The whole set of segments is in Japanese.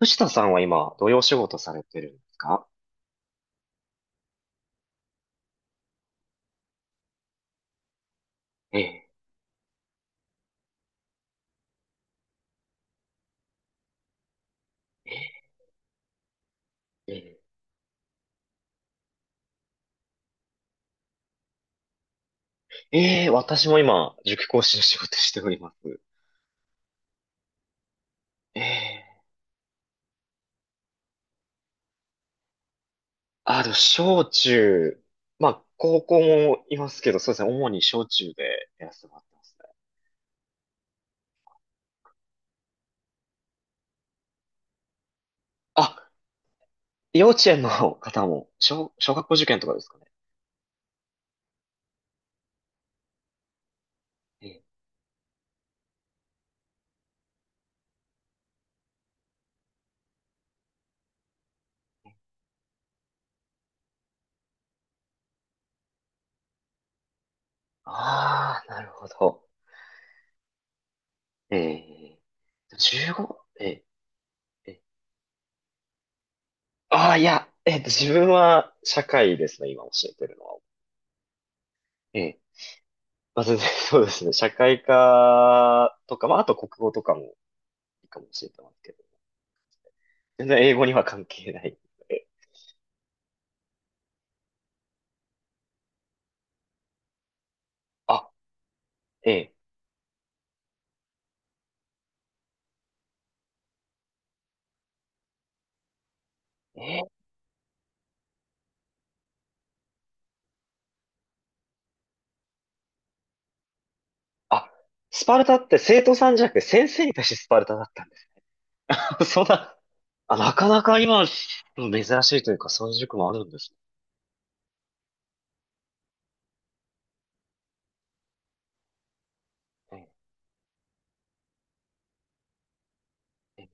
藤田さんは今、どういうお仕事されてるんですか？ええ、ええ、ええ、私も今、塾講師の仕事しております。ええ、小中、まあ、高校もいますけど、そうですね、主に小中でやらせてもらってますね。あ、幼稚園の方も、小学校受験とかですかね。ええ、ああ、なるほど。ええ、15、ええ、ええ、ああ、いや、自分は社会ですね、今教えてるのは。ええ。まあ、全然 そうですね。社会科とか、まあ、あと国語とかもいいかもしれないけど。全然英語には関係ない。え、あ、ええ、ええ。あ、スパルタって生徒さんじゃなくて先生に対してスパルタだったんですそんな、あ、なかなか今、珍しいというか、そういう塾もあるんですね。え、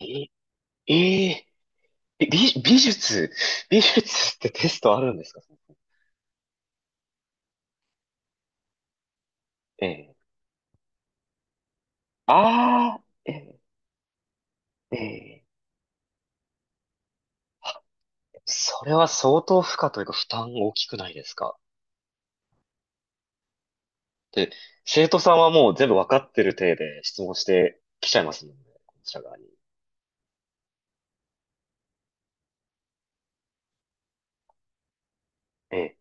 え、え、ええ。美、美術、美術ってテストあるんですか？ええ。ああ、ええ、ええ。それは相当負荷というか負担大きくないですか？で、生徒さんはもう全部わかってる体で質問してきちゃいますもんね、こちら側に。ええ。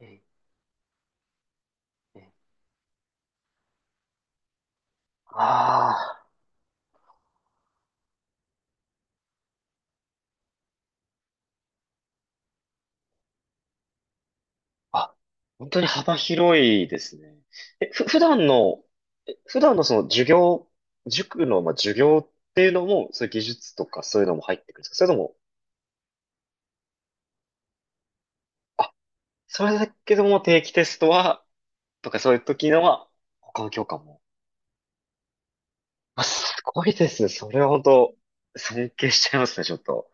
ええ、ええ。ああ、あ、本当に幅広いですね。え、ふ、普段の、え普段のその授業、塾の、まあ、授業っていうのも、そういう技術とかそういうのも入ってくるんですか、それとも、あ、それだけでも定期テストは、とかそういう時のは、他の教科も。あ、すごいですね。それは本当、尊敬しちゃいますね、ちょっと。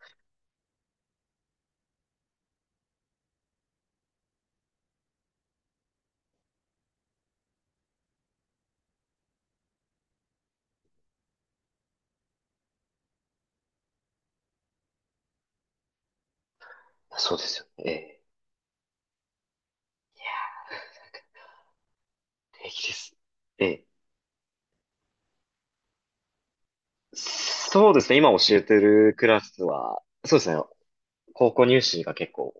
そうですよね。ええ。平気です。え、そうですね。今教えてるクラスは、そうですね。高校入試が結構、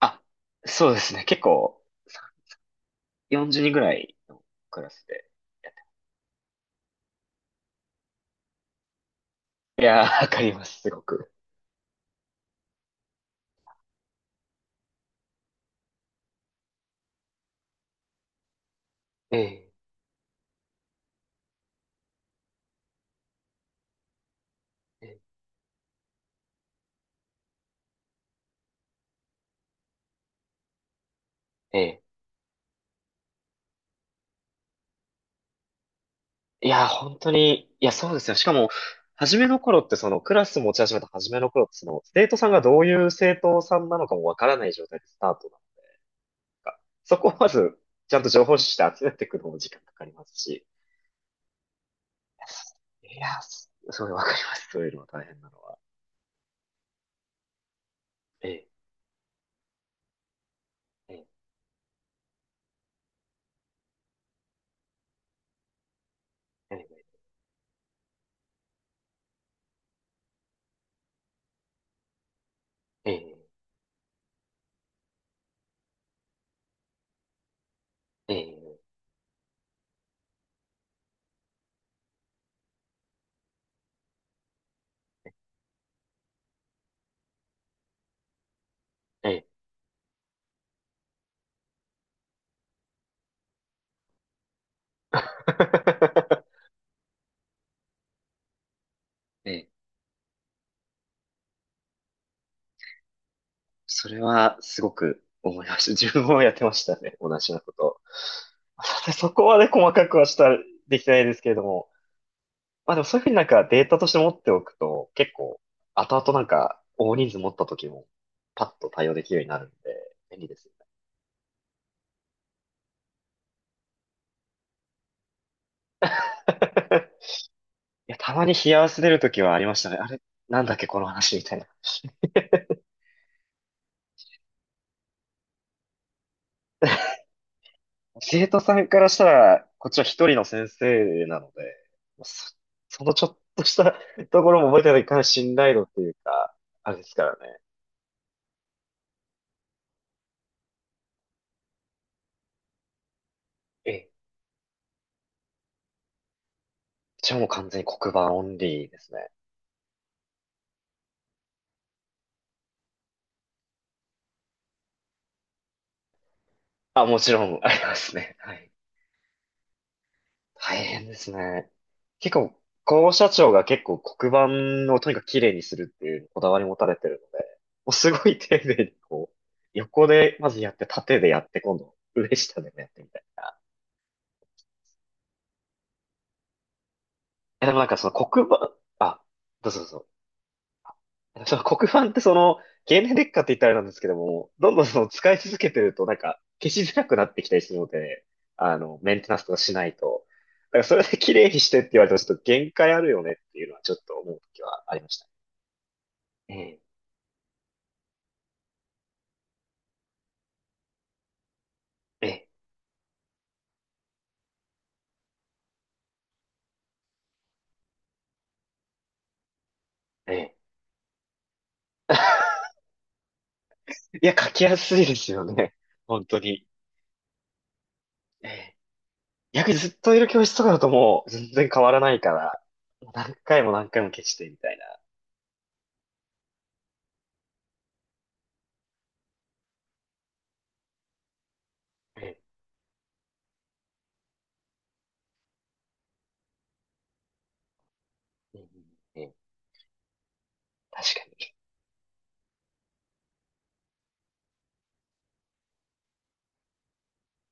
あ、そうですね。結構、40人ぐらいのクラスで。いやー、わかります、すごく。ええ、ええ、ええ。いやー、本当に、いや、そうですよ。しかも、初めの頃ってそのクラス持ち始めた初めの頃ってその生徒さんがどういう生徒さんなのかもわからない状態でスタートな、そこをまず、ちゃんと情報収集して集めていくのも時間かかりますし。いや、すごいわかります。そういうのも大変なのは。ええ、ええ、ええ、ええ、ええ、ええ。ええ。それはすごく思いました。自分もやってましたね。同じようなことを。さてそこまで細かくはできてないですけれども。まあでもそういうふうになんかデータとして持っておくと、結構、後々なんか大人数持った時も、パッと対応できるようになるんで、便利ですよね。いや、たまに冷や汗出る時はありましたね。あれ、なんだっけ、この話みたいな。生徒さんからしたら、こっちは一人の先生なので、そ、そのちょっとした ところも覚えてないといかない信頼度っていうか、あれですからね。ええ、じゃあもう完全に黒板オンリーですね。あ、もちろんありますね。はい。大変ですね。結構、校舎長が結構黒板をとにかく綺麗にするっていうこだわり持たれてるので、もうすごい丁寧にこう、横でまずやって、縦でやって、今度、上下でもやってみたいな。え、でもなんかその黒板、あ、どうぞどうぞ。その黒板ってその、経年劣化って言ったらあれなんですけども、どんどんその使い続けてるとなんか消しづらくなってきたりするので、あの、メンテナンスとかしないと。だからそれで綺麗にしてって言われてもちょっと限界あるよねっていうのはちょっと思う時はありました。ええ、ええ、ええ。いや、書きやすいですよね。本当に。ええ。逆にずっといる教室とかだともう全然変わらないから、何回も何回も消してみたいな。ええ、ええ、ええ。確かに。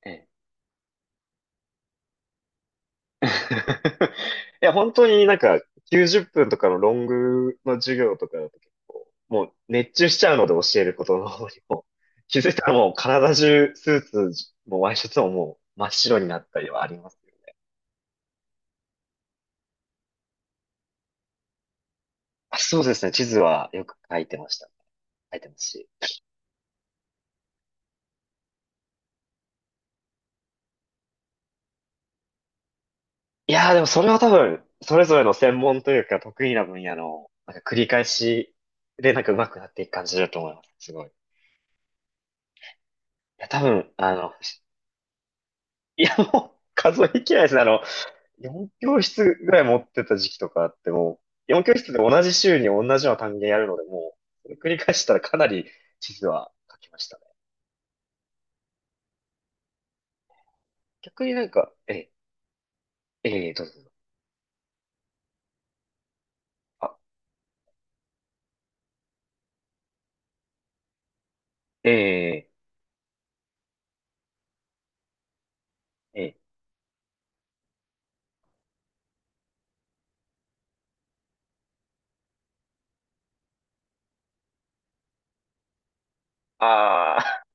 ええ。 いや、本当になんか90分とかのロングの授業とかだと結構、もう熱中しちゃうので教えることの方にも、気づいたらもう体中スーツもワイシャツももう真っ白になったりはありますよね。あ、そうですね。地図はよく書いてました。書いてますし。いやーでもそれは多分、それぞれの専門というか得意な分野の、なんか繰り返しでなんか上手くなっていく感じだと思います。すごい。いや、多分、あの、いや、もう数えきれないですね。あの、4教室ぐらい持ってた時期とかあっても4教室で同じ週に同じような単元やるので、それ繰り返したらかなり地図は書きましたね。逆になんか、え、えー、どうぞどうぞ。あ、えー、えー、あ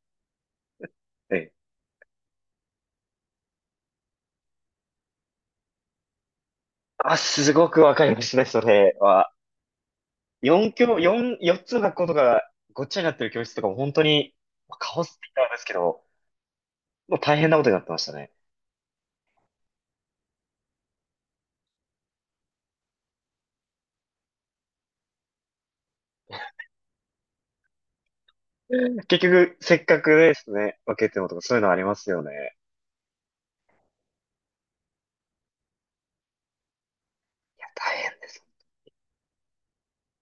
ー、えー、あ、すごくわかりますね、それは。4教、四つの学校とかごっちゃになってる教室とかも本当に、まあカオスって言ったんですけど、もう大変なことになってましたね。結局、せっかくですね、分けてもとかそういうのありますよね。大変